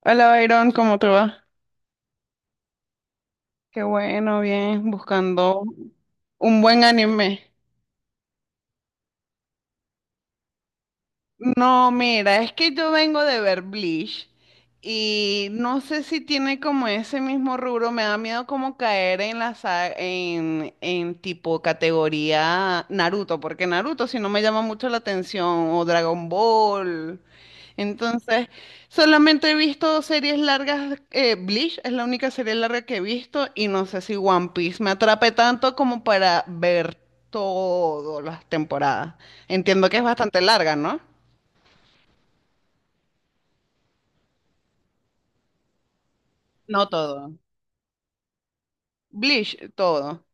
Hola, Byron, ¿cómo te va? Qué bueno, bien, buscando un buen anime. No, mira, es que yo vengo de ver Bleach y no sé si tiene como ese mismo rubro, me da miedo como caer en la sa- en tipo categoría Naruto, porque Naruto si no me llama mucho la atención, o Dragon Ball. Entonces, solamente he visto series largas, Bleach es la única serie larga que he visto y no sé si One Piece me atrape tanto como para ver todas las temporadas. Entiendo que es bastante larga, ¿no? No todo. Bleach, todo.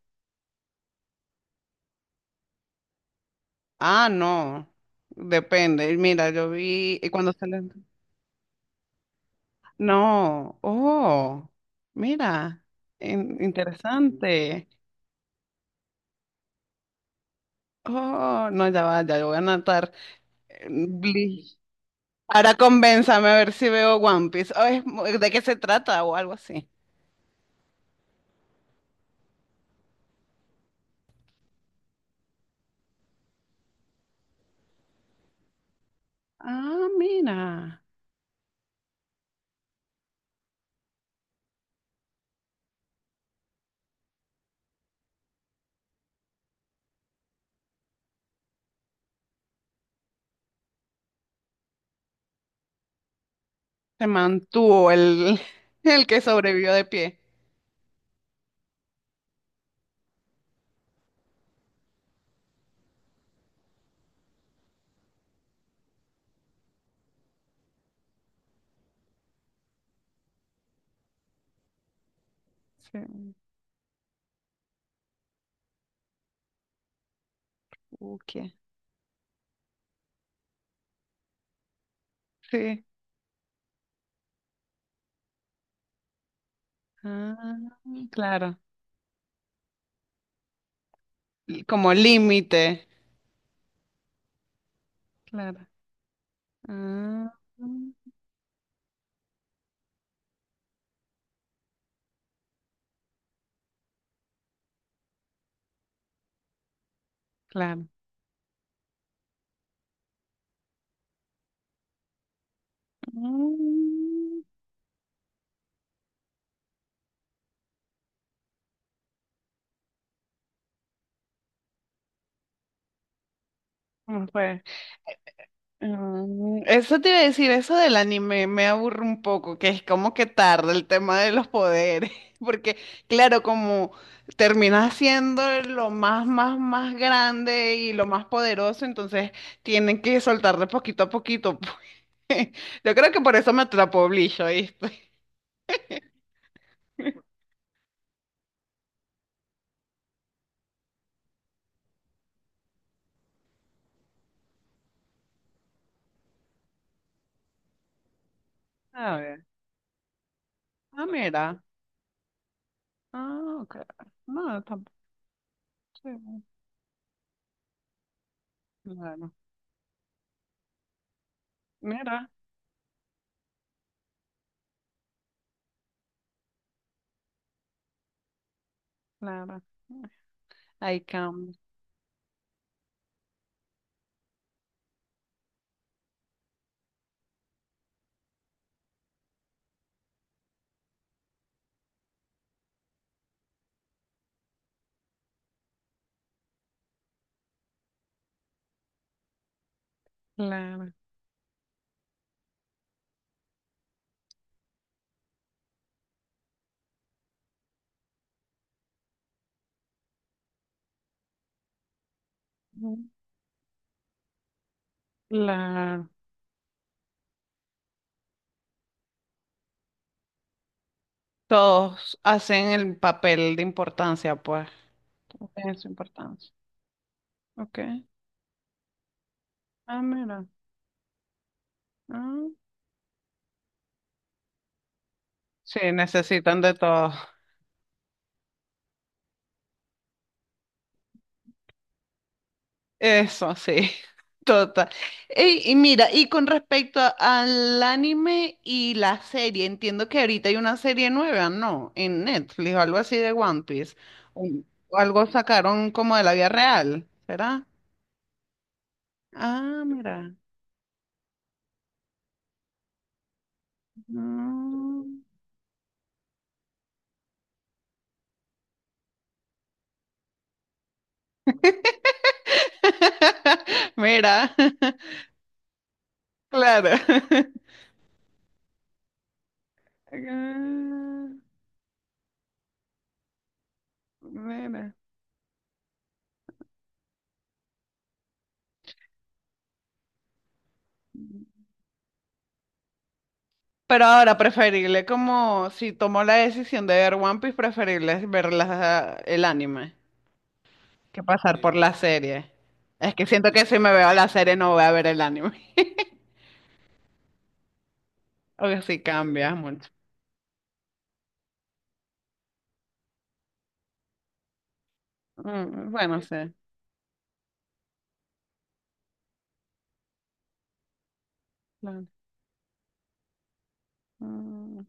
Ah, no. Depende. Mira, yo vi y cuando sale. No. Oh, mira. Interesante. Oh, no, ya va, ya yo voy a anotar. Bleach. Ahora convénzame a ver si veo One Piece. Oh, ¿de qué se trata? O algo así. Ah, mira. Se mantuvo el, el que sobrevivió de pie. Sí. Ok. Sí. Ah, claro. Como límite. Claro. Ah, claro. Mm, ¿Cómo fue? Eso te iba a decir, eso del anime me aburre un poco, que es como que tarda el tema de los poderes, porque claro, como termina siendo lo más, más, más grande y lo más poderoso, entonces tienen que soltar de poquito a poquito, pues. Yo creo que por eso me atrapó Bleach, ¿oíste? A ver. Ah, mira. Ah, ok. No, sí, claro. Mira, claro. Ahí cambia. Claro. Ujú. Claro. Todos hacen el papel de importancia, pues. Tienen su importancia. Ok. Ah, mira. Ah, sí, necesitan de todos. Eso, sí, total. Ey, y, mira, y con respecto al anime y la serie, entiendo que ahorita hay una serie nueva, ¿no? En Netflix o algo así de One Piece. O o algo sacaron como de la vida real, ¿será? Ah, mira. Mm. Mira, claro. Ah, mira. Pero ahora preferible, como si tomó la decisión de ver One Piece, preferible es ver el anime que pasar por, sí, la serie. Es que siento que si me veo la serie no voy a ver el anime. O que sí cambia mucho. Mm, bueno, sí. Claro. Mm,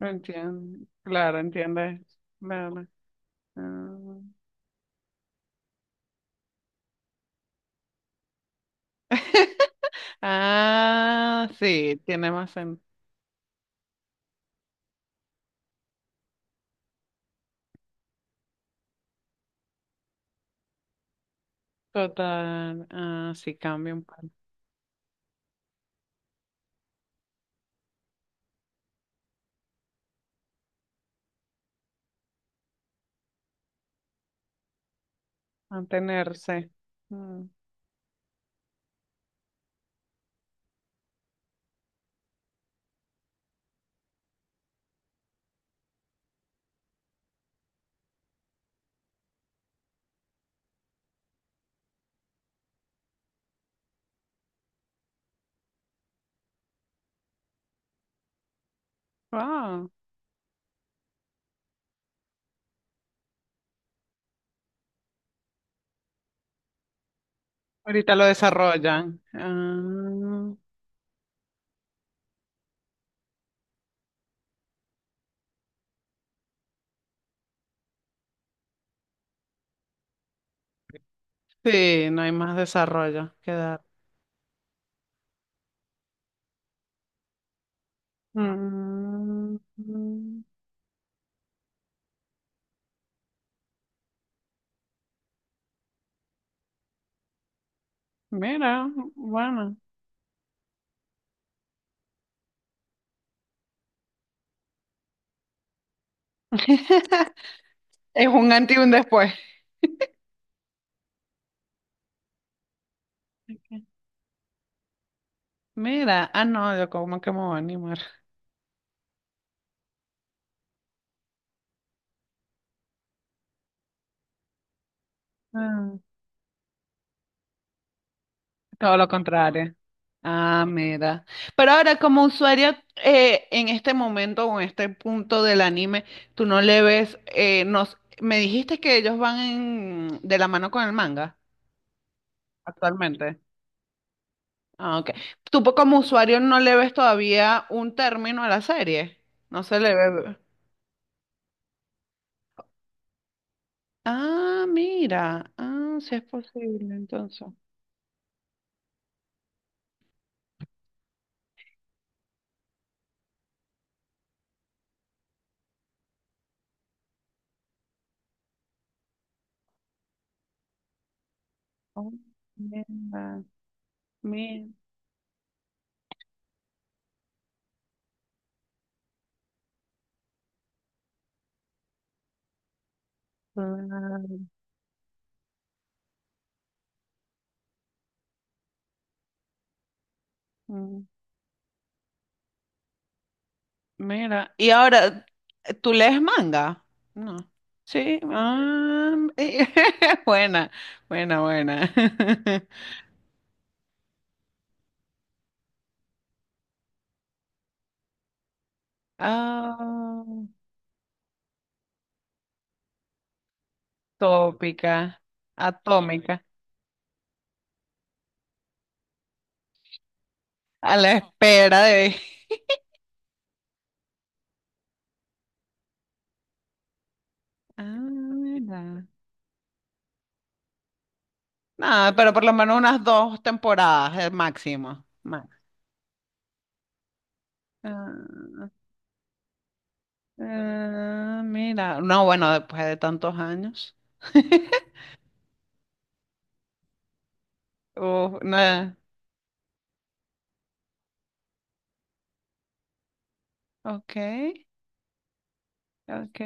entiendo. Claro, entiendes. Claro. Mm. Ah, sí, tiene más sentido. Total. Ah, sí, cambia un poco. Mantenerse. Mm. Wow. Ahorita lo desarrollan. Ah, sí, no hay más desarrollo que dar. Mm, mira, bueno. Es un antes y un después. Mira, ah, no, yo como que me voy a animar. Ah, todo lo contrario. Ah, mira. Pero ahora, como usuario, en este momento o en este punto del anime, tú no le ves, me dijiste que ellos van de la mano con el manga actualmente. Ah, ok. Como usuario no le ves todavía un término a la serie. No se le ve. Ah, mira. Ah, sí es posible, entonces. Oh, mira, mira. mm, Mira. Y ahora, ¿tú lees manga? No. Sí. Ah, buena, buena, buena. Ah, tópica, atómica, a la espera de... Ah, mira. Nada, pero por lo menos unas dos temporadas, el máximo. Ah, ah, mira, no, bueno, después de tantos años. No, ok, ok.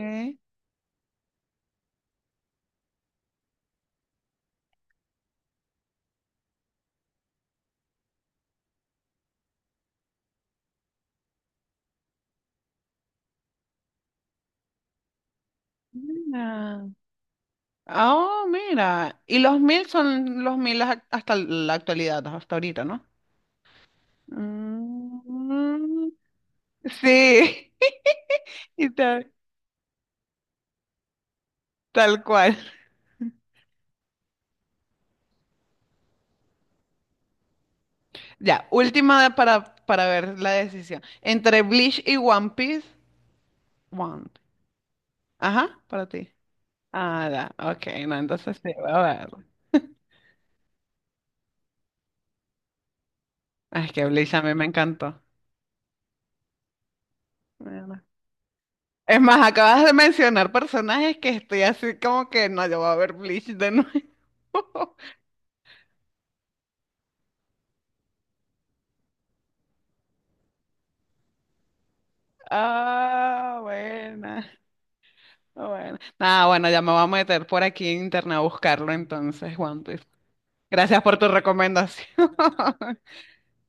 Mira. Oh, mira. Y los 1000 son los 1000 hasta la actualidad, hasta ahorita, ¿no? Mm, sí, y tal cual. Ya, última para ver la decisión. Entre Bleach y One Piece, One. Ajá, para ti. Ah, ya. Ok, no, entonces sí, voy a ver. Ay, es que Bleach a mí me encantó. Mira. Es más, acabas de mencionar personajes que estoy así como que no, yo voy a ver Bleach de nuevo. Ah, buena. Bueno. Nada, bueno, ya me voy a meter por aquí en internet a buscarlo entonces, One Piece. Gracias por tu recomendación.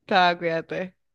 Chao, cuídate.